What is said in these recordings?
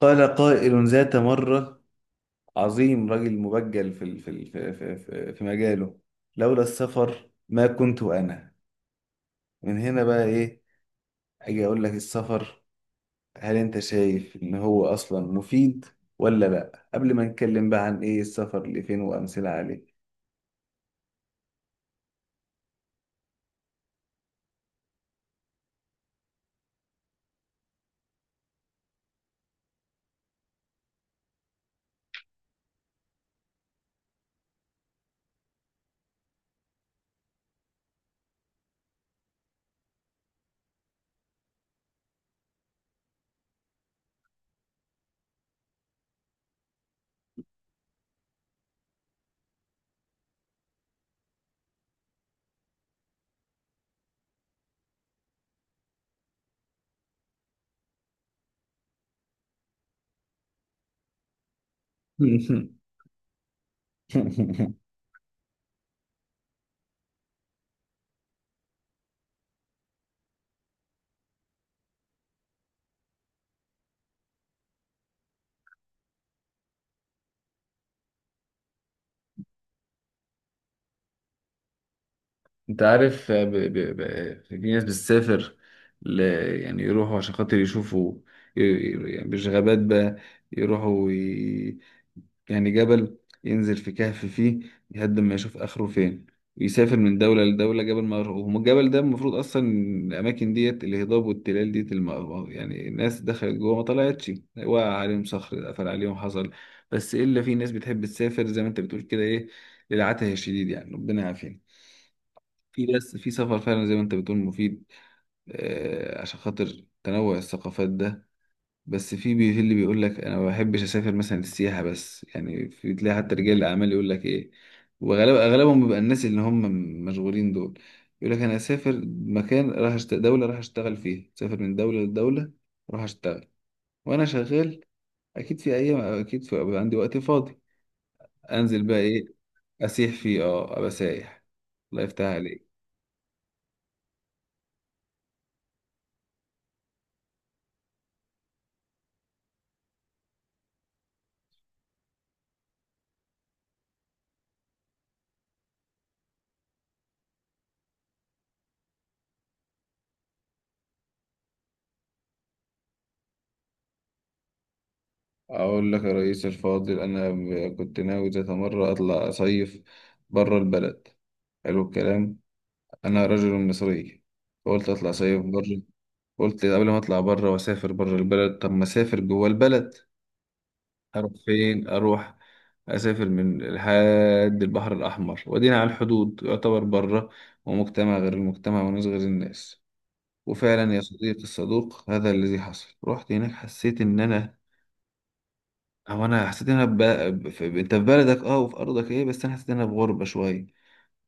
قال قائل ذات مرة، عظيم رجل مبجل في ال- في ال- في في في في مجاله، لولا السفر ما كنت أنا من هنا. بقى إيه؟ أجي أقول لك السفر، هل أنت شايف إن هو أصلا مفيد ولا لأ؟ قبل ما نتكلم بقى عن إيه السفر لفين وأمثلة عليه. أنت عارف، في ناس بتسافر، ل... يعني يروحوا عشان خاطر يشوفوا، يعني مش غابات بقى، يروحوا يعني جبل، ينزل في كهف فيه لحد ما يشوف آخره فين، ويسافر من دولة لدولة. جبل ما يروح وهم الجبل ده، المفروض أصلا الأماكن ديت، الهضاب والتلال ديت، يعني الناس دخلت جوه ما طلعتش، وقع عليهم صخر، قفل عليهم، حصل. بس إلا في ناس بتحب تسافر، زي ما أنت بتقول كده، إيه، للعته الشديد يعني، ربنا يعافينا. في، بس في سفر فعلا زي ما أنت بتقول مفيد، عشان خاطر تنوع الثقافات ده. بس في اللي بيقول لك انا ما بحبش اسافر، مثلا السياحه بس، يعني في تلاقي حتى رجال الاعمال يقول لك ايه، وغالبا اغلبهم بيبقى الناس اللي هم مشغولين دول. يقول لك انا اسافر مكان، راح دوله راح اشتغل فيها، اسافر من دوله لدوله راح اشتغل. وانا شغال، اكيد في ايام، اكيد بيبقى عندي وقت فاضي، انزل بقى ايه، اسيح فيه، اه، ابقى سايح. الله يفتح عليك. اقول لك يا رئيس الفاضل، انا كنت ناوي ذات مره اطلع اصيف بره البلد. حلو الكلام. أنا رجل مصري، فقلت أطلع صيف بره. قلت قبل ما أطلع بره وأسافر بره البلد، طب ما أسافر جوه البلد. أروح فين؟ أروح أسافر من لحد البحر الأحمر وأدينا على الحدود يعتبر بره، ومجتمع غير المجتمع وناس غير الناس. وفعلا يا صديقي الصدوق، هذا الذي حصل. رحت هناك حسيت إن أنا، أو أنا حسيت إن أنا أنت في بلدك، أه، وفي أرضك، إيه، بس أنا حسيت إن أنا في غربة شوية.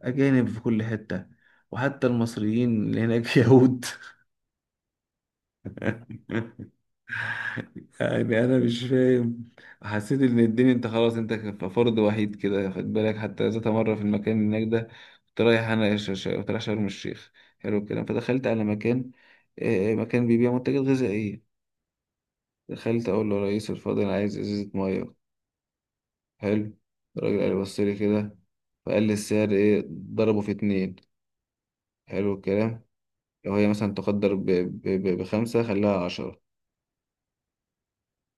أجانب في كل حتة، وحتى المصريين اللي هناك يهود. يعني انا مش فاهم. حسيت ان الدنيا، انت خلاص، انت فرد وحيد كده، خد بالك. حتى ذات مره في المكان هناك ده، كنت رايح انا، كنت رايح شرم الشيخ. حلو الكلام. فدخلت على مكان، مكان بيبيع منتجات غذائيه. دخلت اقول له يا ريس الفاضل، انا عايز ازازه ميه. حلو. الراجل قال بص لي كده، فقال لي السعر ايه، ضربه في اتنين. حلو الكلام. لو هي مثلا تقدر بخمسة، خلاها عشرة.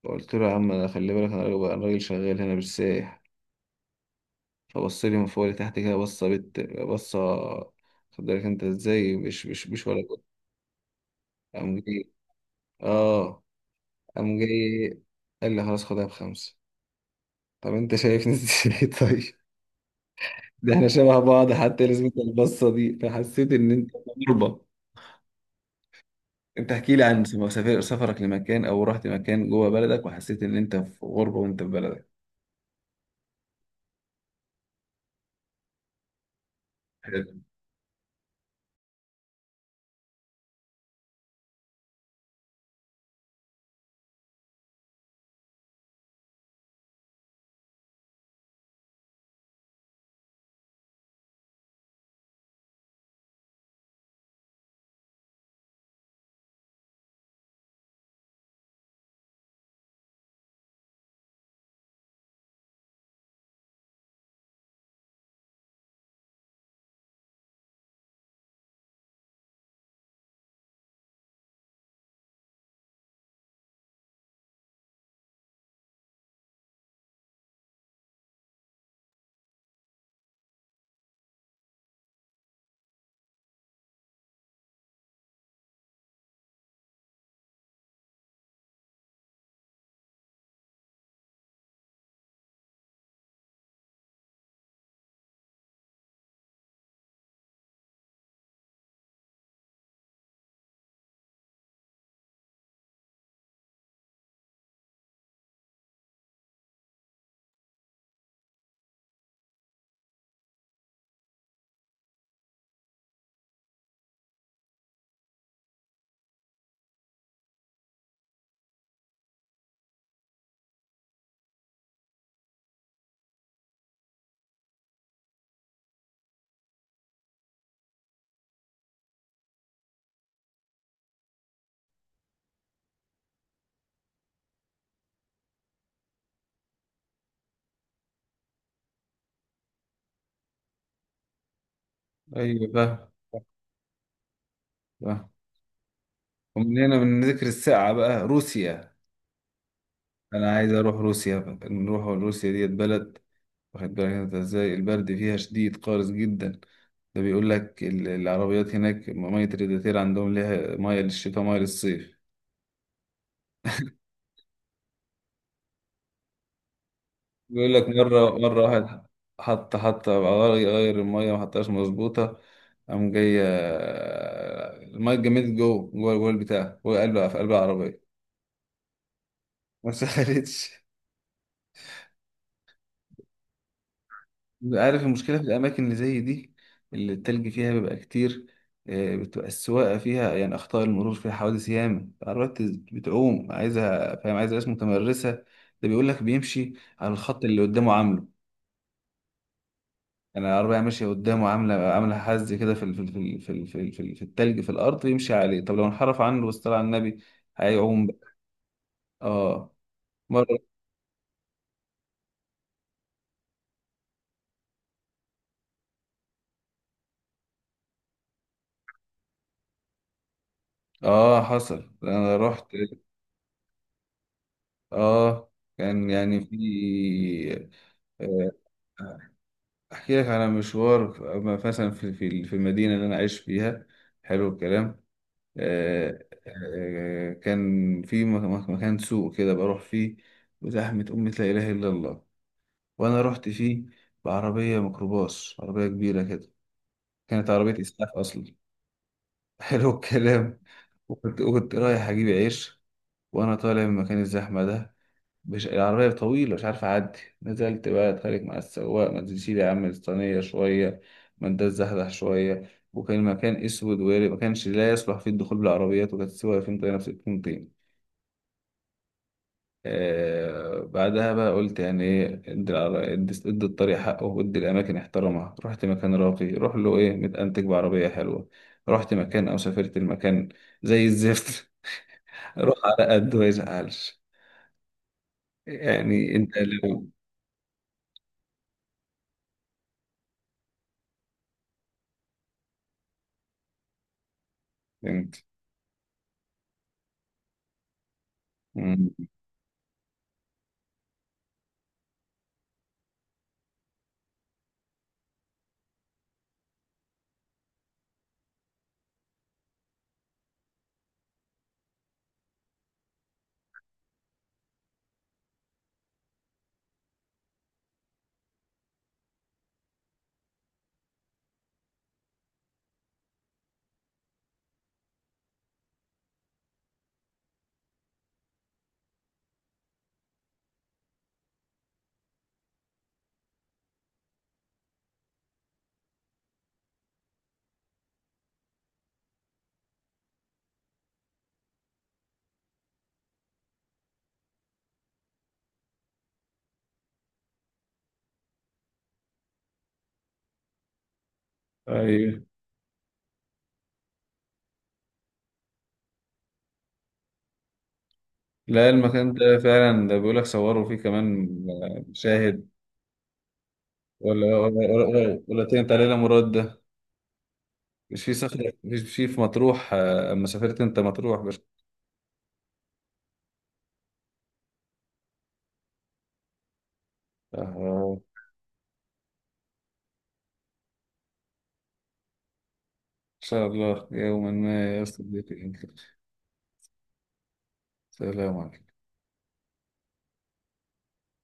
قلت له يا عم، أنا خلي بالك، أنا راجل، أنا راجل شغال هنا مش سايح. فبص لي من فوق لتحت كده، بصة بصة. خد بالك انت ازاي، مش ولا كنت. قام جاي. اه. قام جاي قال لي خلاص خدها بخمسة. طب انت شايفني ازاي؟ طيب. ده احنا شبه بعض حتى، لازمة البصة دي، فحسيت ان انت غربة. انت احكي لي عن سفرك لمكان، او رحت مكان جوه بلدك وحسيت ان انت في غربة وانت في بلدك. حلو. ايوه بقى. بقى، ومن هنا من ذكر الساعة بقى روسيا. انا عايز اروح روسيا بقى. نروح روسيا، ديت بلد واخد بالك انت ازاي، البرد فيها شديد قارس جدا. ده بيقول لك العربيات هناك، مية الريداتير عندهم، ليها مية للشتاء مية للصيف. بيقول لك مرة، مرة واحد حط حط غير المية ما حطهاش مظبوطة، قام جاية. المية اتجمدت جوه جوه جوه البتاع، جوه قلب في قلب العربية. ما سخنتش. عارف المشكلة في الأماكن اللي زي دي، اللي التلج فيها بيبقى كتير، بتبقى السواقة فيها يعني، أخطاء المرور فيها حوادث ياما، العربيات بتعوم عايزة، فاهم، عايزة ناس متمرسة. ده بيقول لك بيمشي على الخط اللي قدامه عامله، يعني العربية ماشية قدامه عاملة حز كده في ال- في ال- في ال- في ال- في ال- في التلج في الأرض، يمشي عليه. طب لو انحرف عنه واصطلع على النبي هيعوم بقى. اه. مرة. اه، حصل، أنا رحت. اه، كان يعني في، آه، احكي لك على مشوار مثلا في المدينه اللي انا عايش فيها. حلو الكلام. كان في مكان سوق كده بروح فيه. وزحمه، امي لا اله الا الله. وانا رحت فيه بعربيه ميكروباص، عربيه كبيره كده، كانت عربيه اسعاف اصلا. حلو الكلام. وكنت رايح اجيب عيش. وانا طالع من مكان الزحمه ده، مش العربية طويلة مش عارف أعدي. نزلت بقى أتخانق مع السواق، ما تشيل يا عم الصينية شوية، ما انت تزحزح شوية. وكان المكان أسود وياري ما كانش، لا يصلح فيه الدخول بالعربيات، وكانت السواقة فين، طينة في الكونتين. آه، بعدها بقى قلت يعني إيه، ادي الطريق حقه، وادي الأماكن احترمها. رحت مكان راقي، روح له إيه متأنتج بعربية حلوة. رحت مكان أو سافرت المكان زي الزفت. روح على قد ما يزعلش يعني. أنت لو، فهمت، ايوه. لا، المكان ده فعلا، ده بيقول لك صوروا فيه كمان مشاهد. ولا تنت علينا مراد ده. مش في صخرة، مش في مطروح؟ اما سافرت انت مطروح بس. آه، ان شاء الله يوما ما يصل بك الانكار. سلام عليكم.